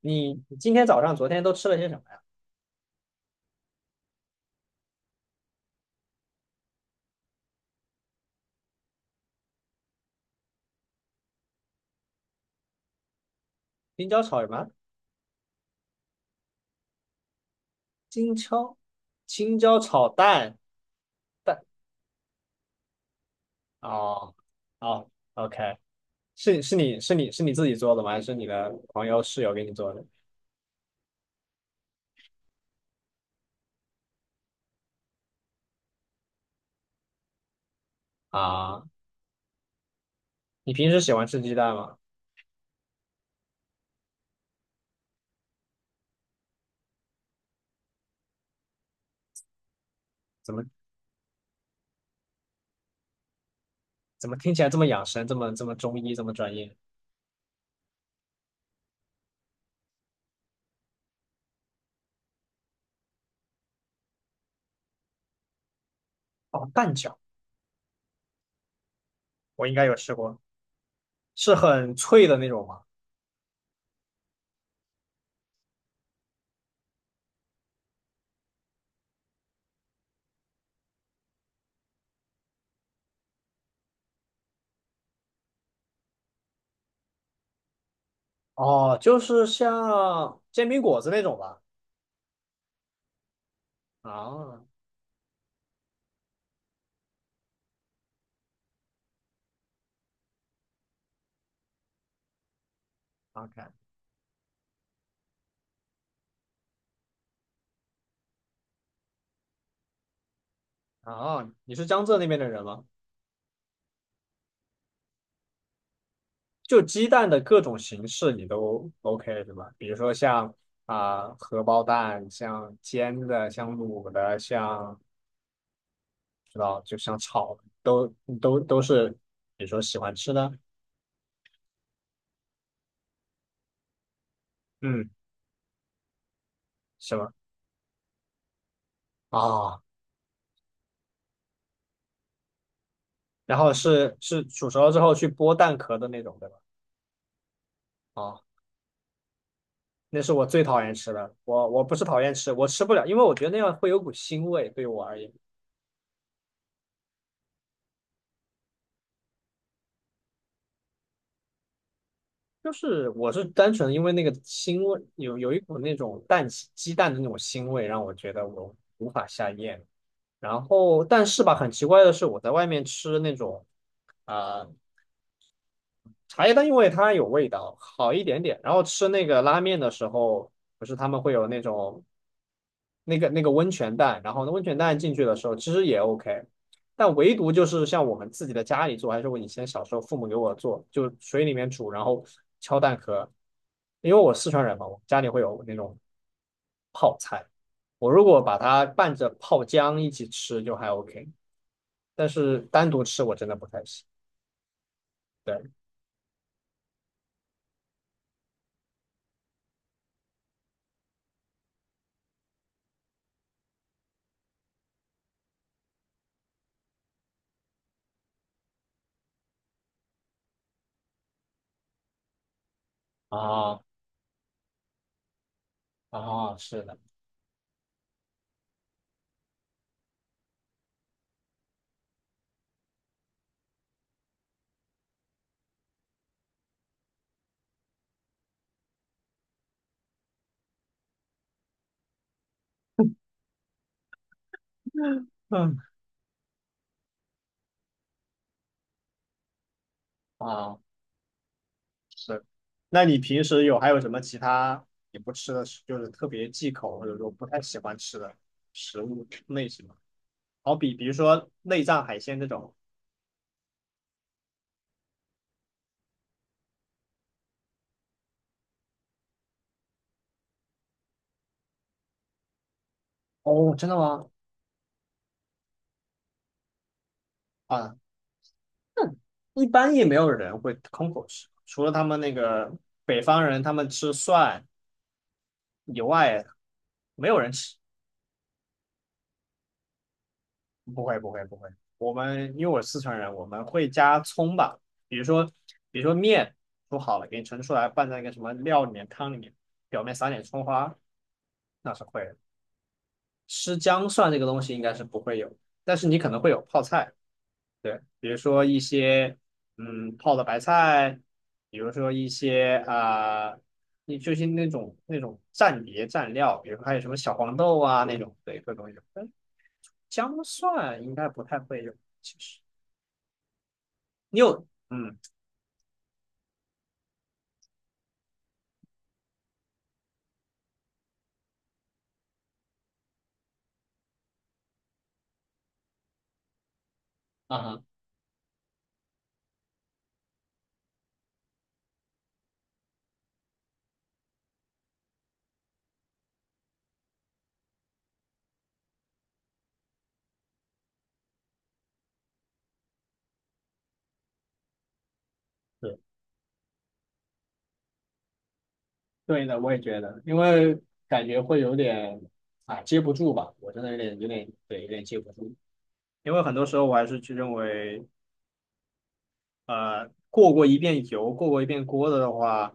你今天早上、昨天都吃了些什么呀？青椒炒什么？青椒，青椒炒蛋蛋。哦，哦，OK，你自己做的吗？还是你的朋友室友给你做的？啊，你平时喜欢吃鸡蛋吗？怎么怎么听起来这么养生，这么中医，这么专业？哦，蛋饺我应该有吃过，是很脆的那种吗？哦，就是像煎饼果子那种吧。啊，OK。哦，你是江浙那边的人吗？就鸡蛋的各种形式你都 OK 对吧？比如说像啊、荷包蛋，像煎的，像卤的，像知道就像炒的，都是，比如说喜欢吃的，嗯，什么啊？然后是煮熟了之后去剥蛋壳的那种，对吧？啊，那是我最讨厌吃的，我不是讨厌吃，我吃不了，因为我觉得那样会有股腥味，对我而言。就是我是单纯因为那个腥味，有一股那种蛋鸡蛋的那种腥味，让我觉得我无法下咽。然后，但是吧，很奇怪的是，我在外面吃那种啊、呃茶叶蛋，因为它有味道，好一点点。然后吃那个拉面的时候，不是他们会有那种那个温泉蛋，然后那温泉蛋进去的时候其实也 OK，但唯独就是像我们自己的家里做，还是我以前小时候父母给我做，就水里面煮，然后敲蛋壳。因为我四川人嘛，我家里会有那种泡菜，我如果把它拌着泡姜一起吃就还 OK，但是单独吃我真的不太行。对啊啊，是的，嗯，啊，是。那你平时有还有什么其他你不吃的，就是特别忌口或者说不太喜欢吃的食物类型吗？比如说内脏海鲜这种。哦，真的吗？啊，那一般也没有人会空口吃，除了他们那个北方人，他们吃蒜以外，没有人吃不会，我们因为我是四川人，我们会加葱吧，比如说比如说面煮好了，给你盛出来，拌在那个什么料里面、汤里面，表面撒点葱花，那是会的。吃姜蒜这个东西应该是不会有，但是你可能会有泡菜，对，比如说一些嗯泡的白菜，比如说一些啊，你、就是那种蘸碟蘸料，比如说还有什么小黄豆啊那种，对，各种有。但姜蒜应该不太会有，其实。你有嗯，啊哈，对对的，我也觉得，因为感觉会有点啊接不住吧，我真的有点对，有点接不住。因为很多时候我还是去认为，过过一遍油，过过一遍锅的的话，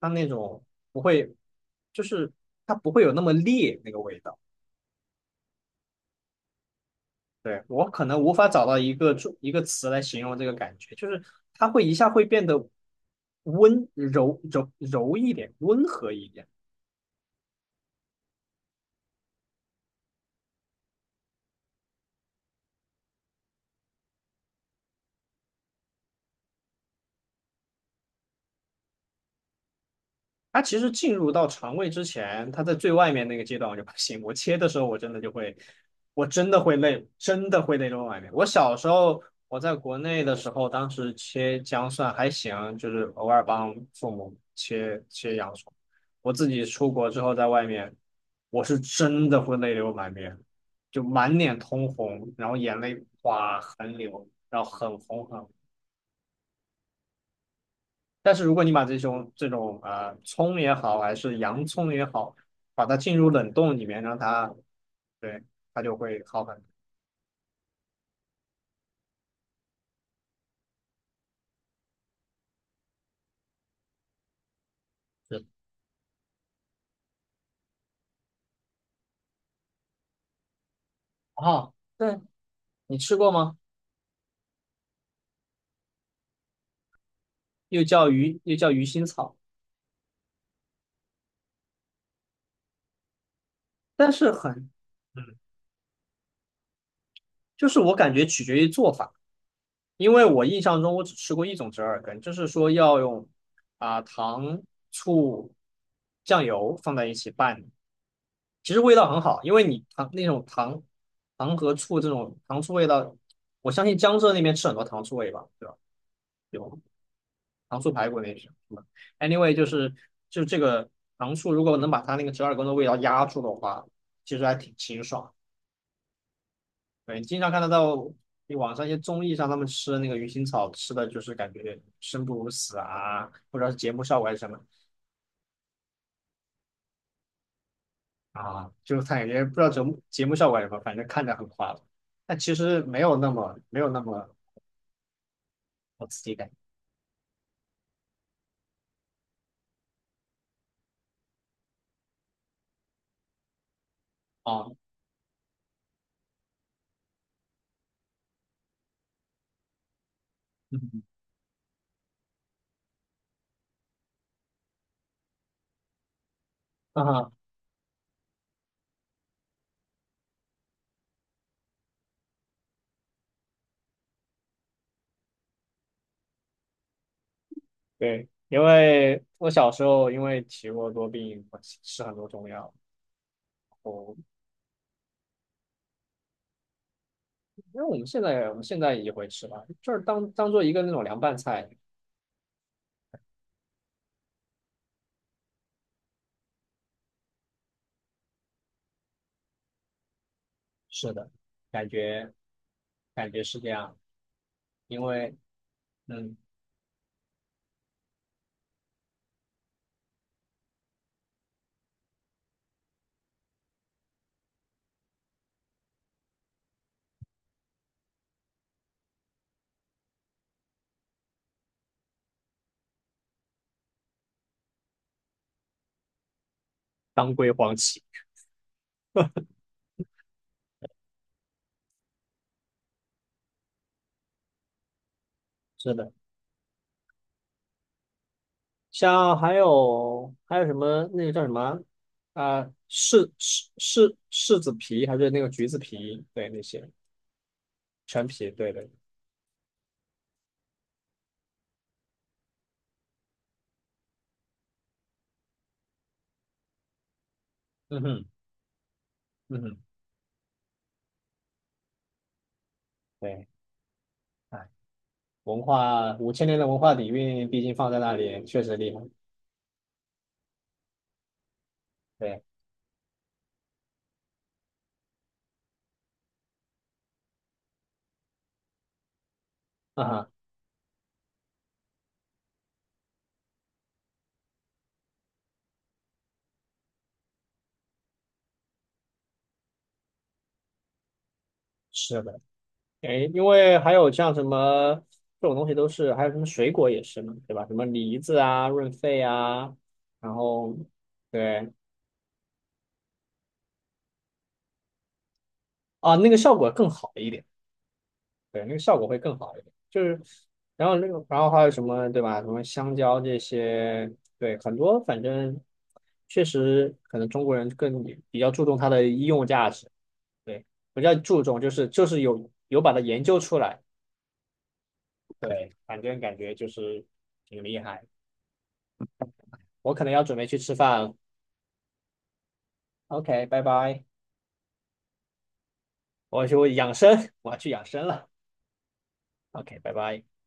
它那种不会，就是它不会有那么烈那个味道。对，我可能无法找到一个中一个词来形容这个感觉，就是它会一下会变得温柔一点，温和一点。它其实进入到肠胃之前，它在最外面那个阶段我就不行。我切的时候，我真的就会，我真的会累，真的会累到外面。我小时候我在国内的时候，当时切姜蒜还行，就是偶尔帮父母切切洋葱。我自己出国之后，在外面，我是真的会泪流满面，就满脸通红，然后眼泪哗横流，然后很红。但是如果你把这种葱也好，还是洋葱也好，把它进入冷冻里面，让它对它就会好很多。是哦，对，你吃过吗？又叫鱼，又叫鱼腥草，但是很，嗯，就是我感觉取决于做法，因为我印象中我只吃过一种折耳根，就是说要用啊、糖、醋、酱油放在一起拌，其实味道很好，因为你糖那种糖和醋这种糖醋味道，我相信江浙那边吃很多糖醋味吧，对吧？有糖醋排骨那些。嗯 Anyway，就是就这个糖醋，如果能把它那个折耳根的味道压住的话，其实还挺清爽。对，你经常看得到你网上一些综艺上他们吃那个鱼腥草，吃的就是感觉生不如死啊，不知道是节目效果还是什么啊，就是他感觉不知道节目效果还是什么，反正看着很夸张。但其实没有那么我自己感觉啊，嗯啊，对，因为我小时候因为体弱多病，我吃很多中药，然因为我们现在也会吃吧，就是当当做一个那种凉拌菜。是的，感觉感觉是这样，因为嗯，当归黄芪，是的，像还有什么那个叫什么啊、柿子皮还是那个橘子皮，对那些陈皮，对对嗯哼，嗯哼，对，哎。文化5000年的文化底蕴，毕竟放在那里确实厉害。对，啊哈，是的，哎，因为还有像什么这种东西都是，还有什么水果也是嘛，对吧？什么梨子啊、润肺啊，然后对啊，那个效果更好一点，对，那个效果会更好一点。就是，然后那个，然后还有什么，对吧？什么香蕉这些，对，很多反正确实可能中国人更比较注重它的医用价值。对，比较注重就是有把它研究出来。对，反正感觉就是挺厉害。我可能要准备去吃饭了。OK,拜拜。我要去养生，我要去养生了。OK,拜拜。